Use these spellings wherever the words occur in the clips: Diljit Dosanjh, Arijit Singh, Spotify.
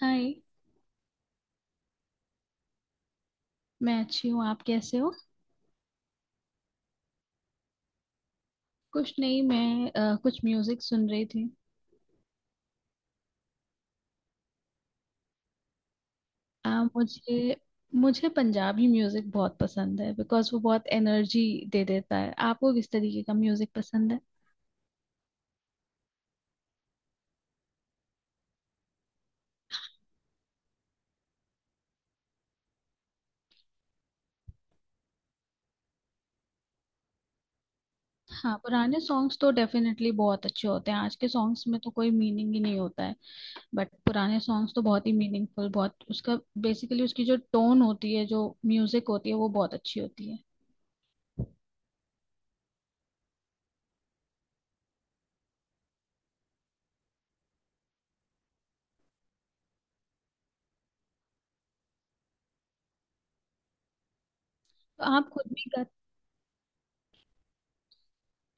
हाय। मैं अच्छी हूँ, आप कैसे हो? कुछ नहीं, मैं कुछ म्यूजिक सुन रही थी। अ, मुझे मुझे पंजाबी म्यूजिक बहुत पसंद है बिकॉज वो बहुत एनर्जी दे देता है। आपको किस तरीके का म्यूजिक पसंद है? हाँ, पुराने सॉन्ग्स तो डेफिनेटली बहुत अच्छे होते हैं। आज के सॉन्ग्स में तो कोई मीनिंग ही नहीं होता है। बट पुराने सॉन्ग्स तो बहुत ही मीनिंगफुल, बहुत उसका बेसिकली उसकी जो टोन होती है, जो म्यूजिक होती है वो बहुत अच्छी होती है। तो आप खुद भी गा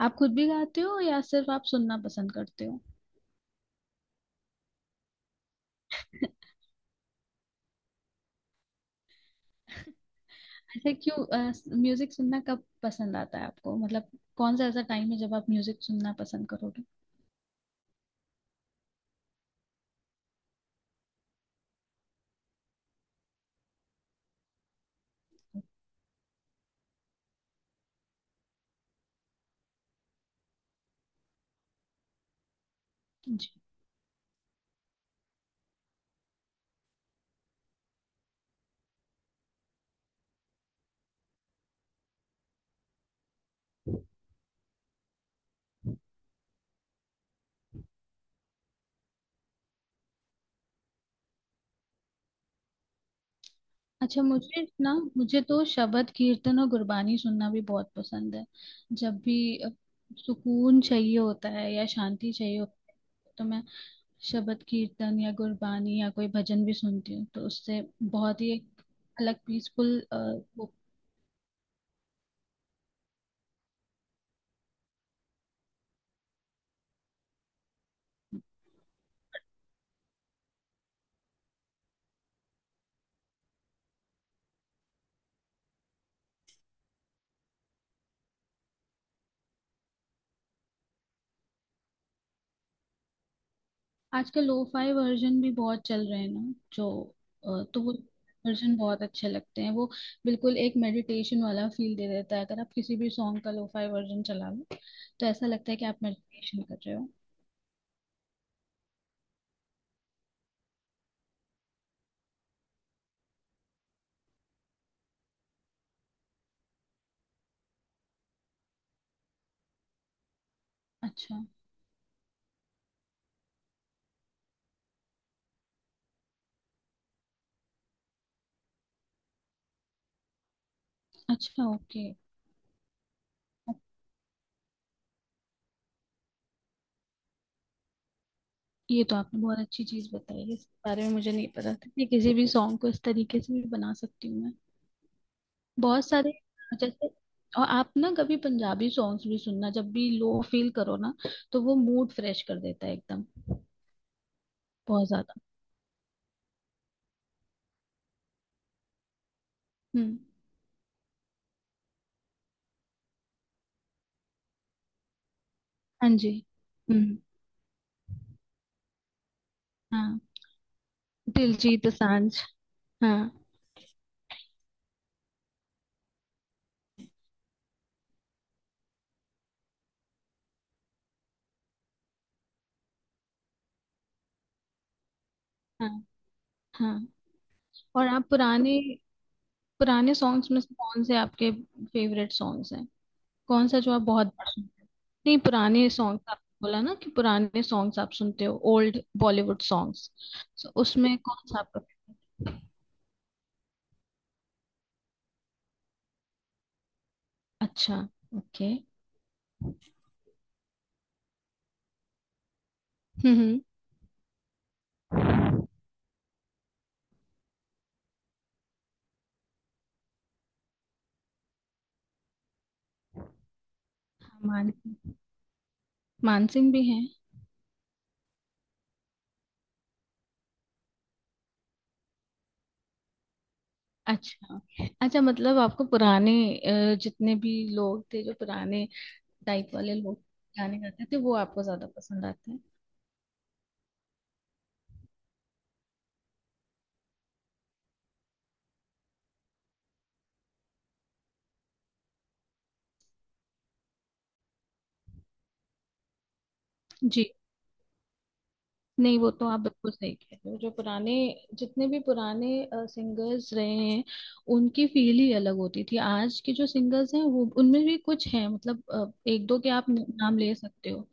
आप खुद भी गाते हो या सिर्फ आप सुनना पसंद करते हो? ऐसे क्यों? म्यूजिक सुनना कब पसंद आता है आपको, मतलब कौन सा ऐसा टाइम है जब आप म्यूजिक सुनना पसंद करोगे? जी। अच्छा, मुझे ना मुझे तो शबद कीर्तन और गुरबानी सुनना भी बहुत पसंद है। जब भी सुकून चाहिए होता है या शांति चाहिए होती है तो मैं शबद कीर्तन या गुरबानी या कोई भजन भी सुनती हूँ, तो उससे बहुत ही एक अलग पीसफुल। आजकल लोफाई वर्जन भी बहुत चल रहे हैं ना, जो अ, तो वो वर्जन बहुत अच्छे लगते हैं। वो बिल्कुल एक मेडिटेशन वाला फील दे देता है। अगर आप किसी भी सॉन्ग का लोफाई वर्जन चला लो तो ऐसा लगता है कि आप मेडिटेशन कर रहे हो। अच्छा। अच्छा, ओके। ये तो आपने बहुत अच्छी चीज बताई है। इस बारे में मुझे नहीं पता था कि किसी भी सॉन्ग को इस तरीके से भी बना सकती हूँ मैं। बहुत सारे, जैसे, और आप ना कभी पंजाबी सॉन्ग्स भी सुनना जब भी लो फील करो ना, तो वो मूड फ्रेश कर देता है एकदम। बहुत ज्यादा। हम्म। हाँ जी। हम्म। हाँ, दिलजीत दोसांझ। हाँ। हाँ। हाँ। और आप पुराने, पुराने सॉन्ग्स में से कौन से आपके फेवरेट सॉन्ग्स हैं? कौन सा जो आप बहुत बार सुनते हो? नहीं, पुराने सॉन्ग्स आप बोला ना कि पुराने सॉन्ग्स आप सुनते हो, ओल्ड बॉलीवुड सॉन्ग्स। तो उसमें कौन सा आपका favorite? अच्छा। ओके। हम्म। हाँ, मान, मानसिंह भी हैं। अच्छा। अच्छा, मतलब आपको पुराने जितने भी लोग थे जो पुराने टाइप वाले लोग गाने गाते थे वो आपको ज्यादा पसंद आते हैं। जी। नहीं, वो तो आप बिल्कुल सही कह रहे हो। जो पुराने जितने भी पुराने सिंगर्स रहे हैं उनकी फील ही अलग होती थी। आज के जो सिंगर्स हैं वो, उनमें भी कुछ हैं मतलब एक दो के आप नाम ले सकते हो।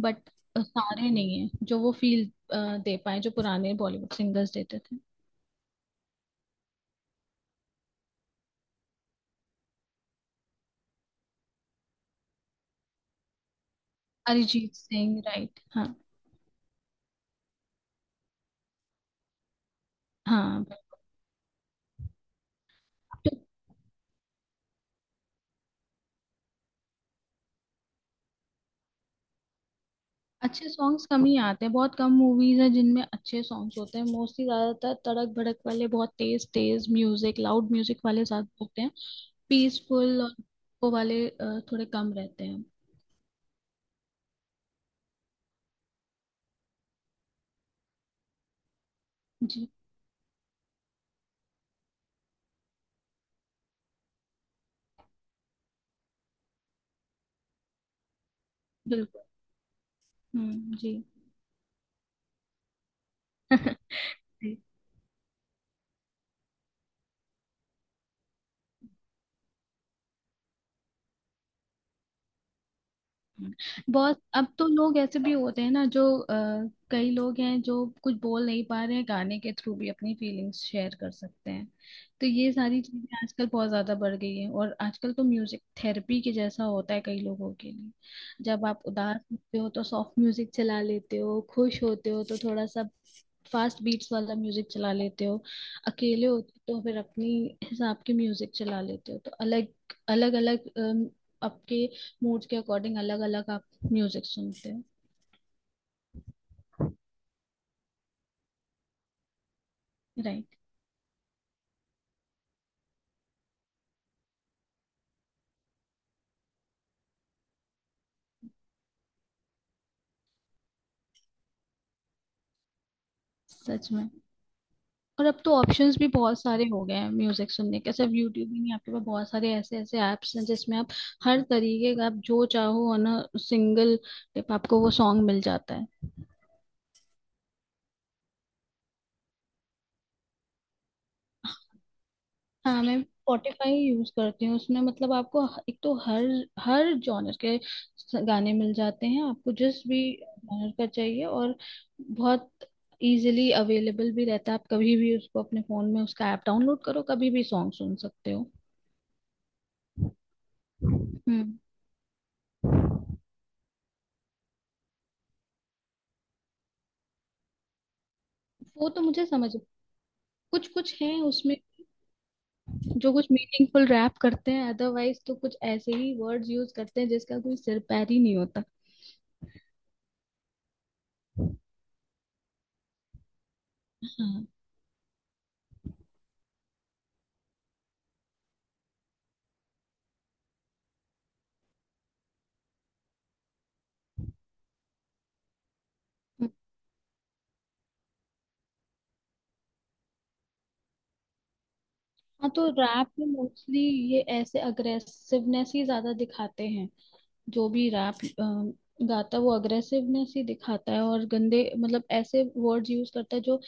बट सारे नहीं है जो वो फील दे पाए जो पुराने बॉलीवुड सिंगर्स देते थे। अरिजीत सिंह, राइट। हाँ। हाँ। अच्छे सॉन्ग्स कम ही आते हैं। बहुत कम मूवीज हैं जिनमें अच्छे सॉन्ग्स होते हैं। मोस्टली ज्यादातर तड़क भड़क वाले, बहुत तेज तेज म्यूजिक, लाउड म्यूजिक वाले ज्यादा होते हैं। पीसफुल और वो वाले थोड़े कम रहते हैं। जी। बिल्कुल। जी। जी। बहुत। अब तो लोग ऐसे भी होते हैं ना, जो कई लोग हैं जो कुछ बोल नहीं पा रहे हैं, गाने के थ्रू भी अपनी फीलिंग्स शेयर कर सकते हैं। तो ये सारी चीजें आजकल बहुत ज्यादा बढ़ गई है, और आजकल तो म्यूजिक थेरेपी के जैसा होता है कई लोगों के लिए। जब आप उदास होते हो तो सॉफ्ट म्यूजिक चला लेते हो, खुश होते हो तो थोड़ा सा फास्ट बीट्स वाला म्यूजिक चला लेते हो, अकेले होते हो तो फिर अपनी हिसाब के म्यूजिक चला लेते हो। तो अलग अलग अलग आपके मूड के अकॉर्डिंग अलग अलग आप म्यूजिक सुनते हो। राइट। सच में। और अब तो ऑप्शंस भी बहुत सारे हो गए हैं म्यूजिक सुनने के, सिर्फ यूट्यूब ही नहीं, आपके पास बहुत सारे ऐसे ऐसे ऐप्स हैं जिसमें आप हर तरीके का, आप जो चाहो, ऑन अ सिंगल टिप आपको वो सॉन्ग मिल जाता है। हाँ, मैं स्पॉटिफाई यूज करती हूँ। उसमें मतलब आपको एक तो हर हर जॉनर के गाने मिल जाते हैं, आपको जिस भी जॉनर का चाहिए। और बहुत इजीली अवेलेबल भी रहता है। आप कभी भी उसको अपने फोन में उसका ऐप डाउनलोड करो, कभी भी सॉन्ग सुन सकते हो। हम्म। वो तो मुझे समझ, कुछ कुछ हैं उसमें जो कुछ मीनिंगफुल रैप करते हैं, अदरवाइज तो कुछ ऐसे ही वर्ड्स यूज करते हैं जिसका कोई सिर पैर ही नहीं होता। हाँ। हाँ, तो रैप में मोस्टली ये ऐसे अग्रेसिवनेस ही ज्यादा दिखाते हैं। जो भी रैप गाता है वो अग्रेसिवनेस ही दिखाता है और गंदे, मतलब ऐसे वर्ड्स यूज करता है जो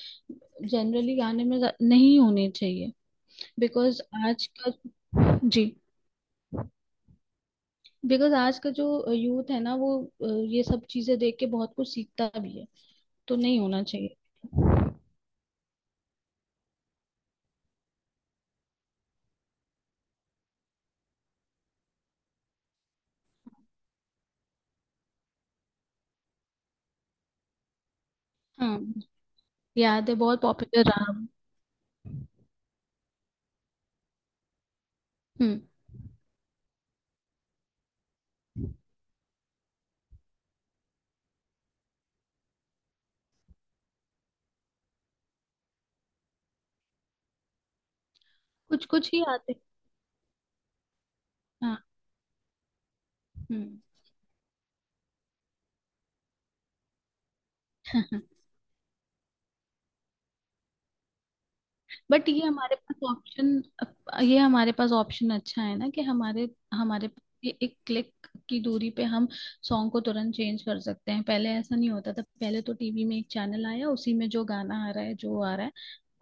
जनरली गाने में नहीं होने चाहिए। बिकॉज आज का जी। बिकॉज आज का जो यूथ है ना वो अ, ये सब चीजें देख के बहुत कुछ सीखता भी है, तो नहीं होना चाहिए। हाँ, याद है। बहुत पॉपुलर रहा। हम्म। कुछ कुछ ही आते। हाँ। हम्म। बट ये हमारे पास ऑप्शन, अच्छा है ना कि हमारे हमारे ये एक क्लिक की दूरी पे हम सॉन्ग को तुरंत चेंज कर सकते हैं। पहले ऐसा नहीं होता था। पहले तो टीवी में एक चैनल आया, उसी में जो गाना आ रहा है जो आ रहा है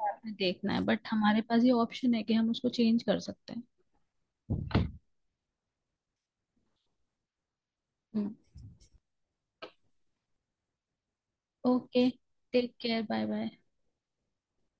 वो आपने देखना है। बट हमारे पास ये ऑप्शन है कि हम उसको चेंज कर सकते हैं। Hmm. Okay, take care. Bye bye.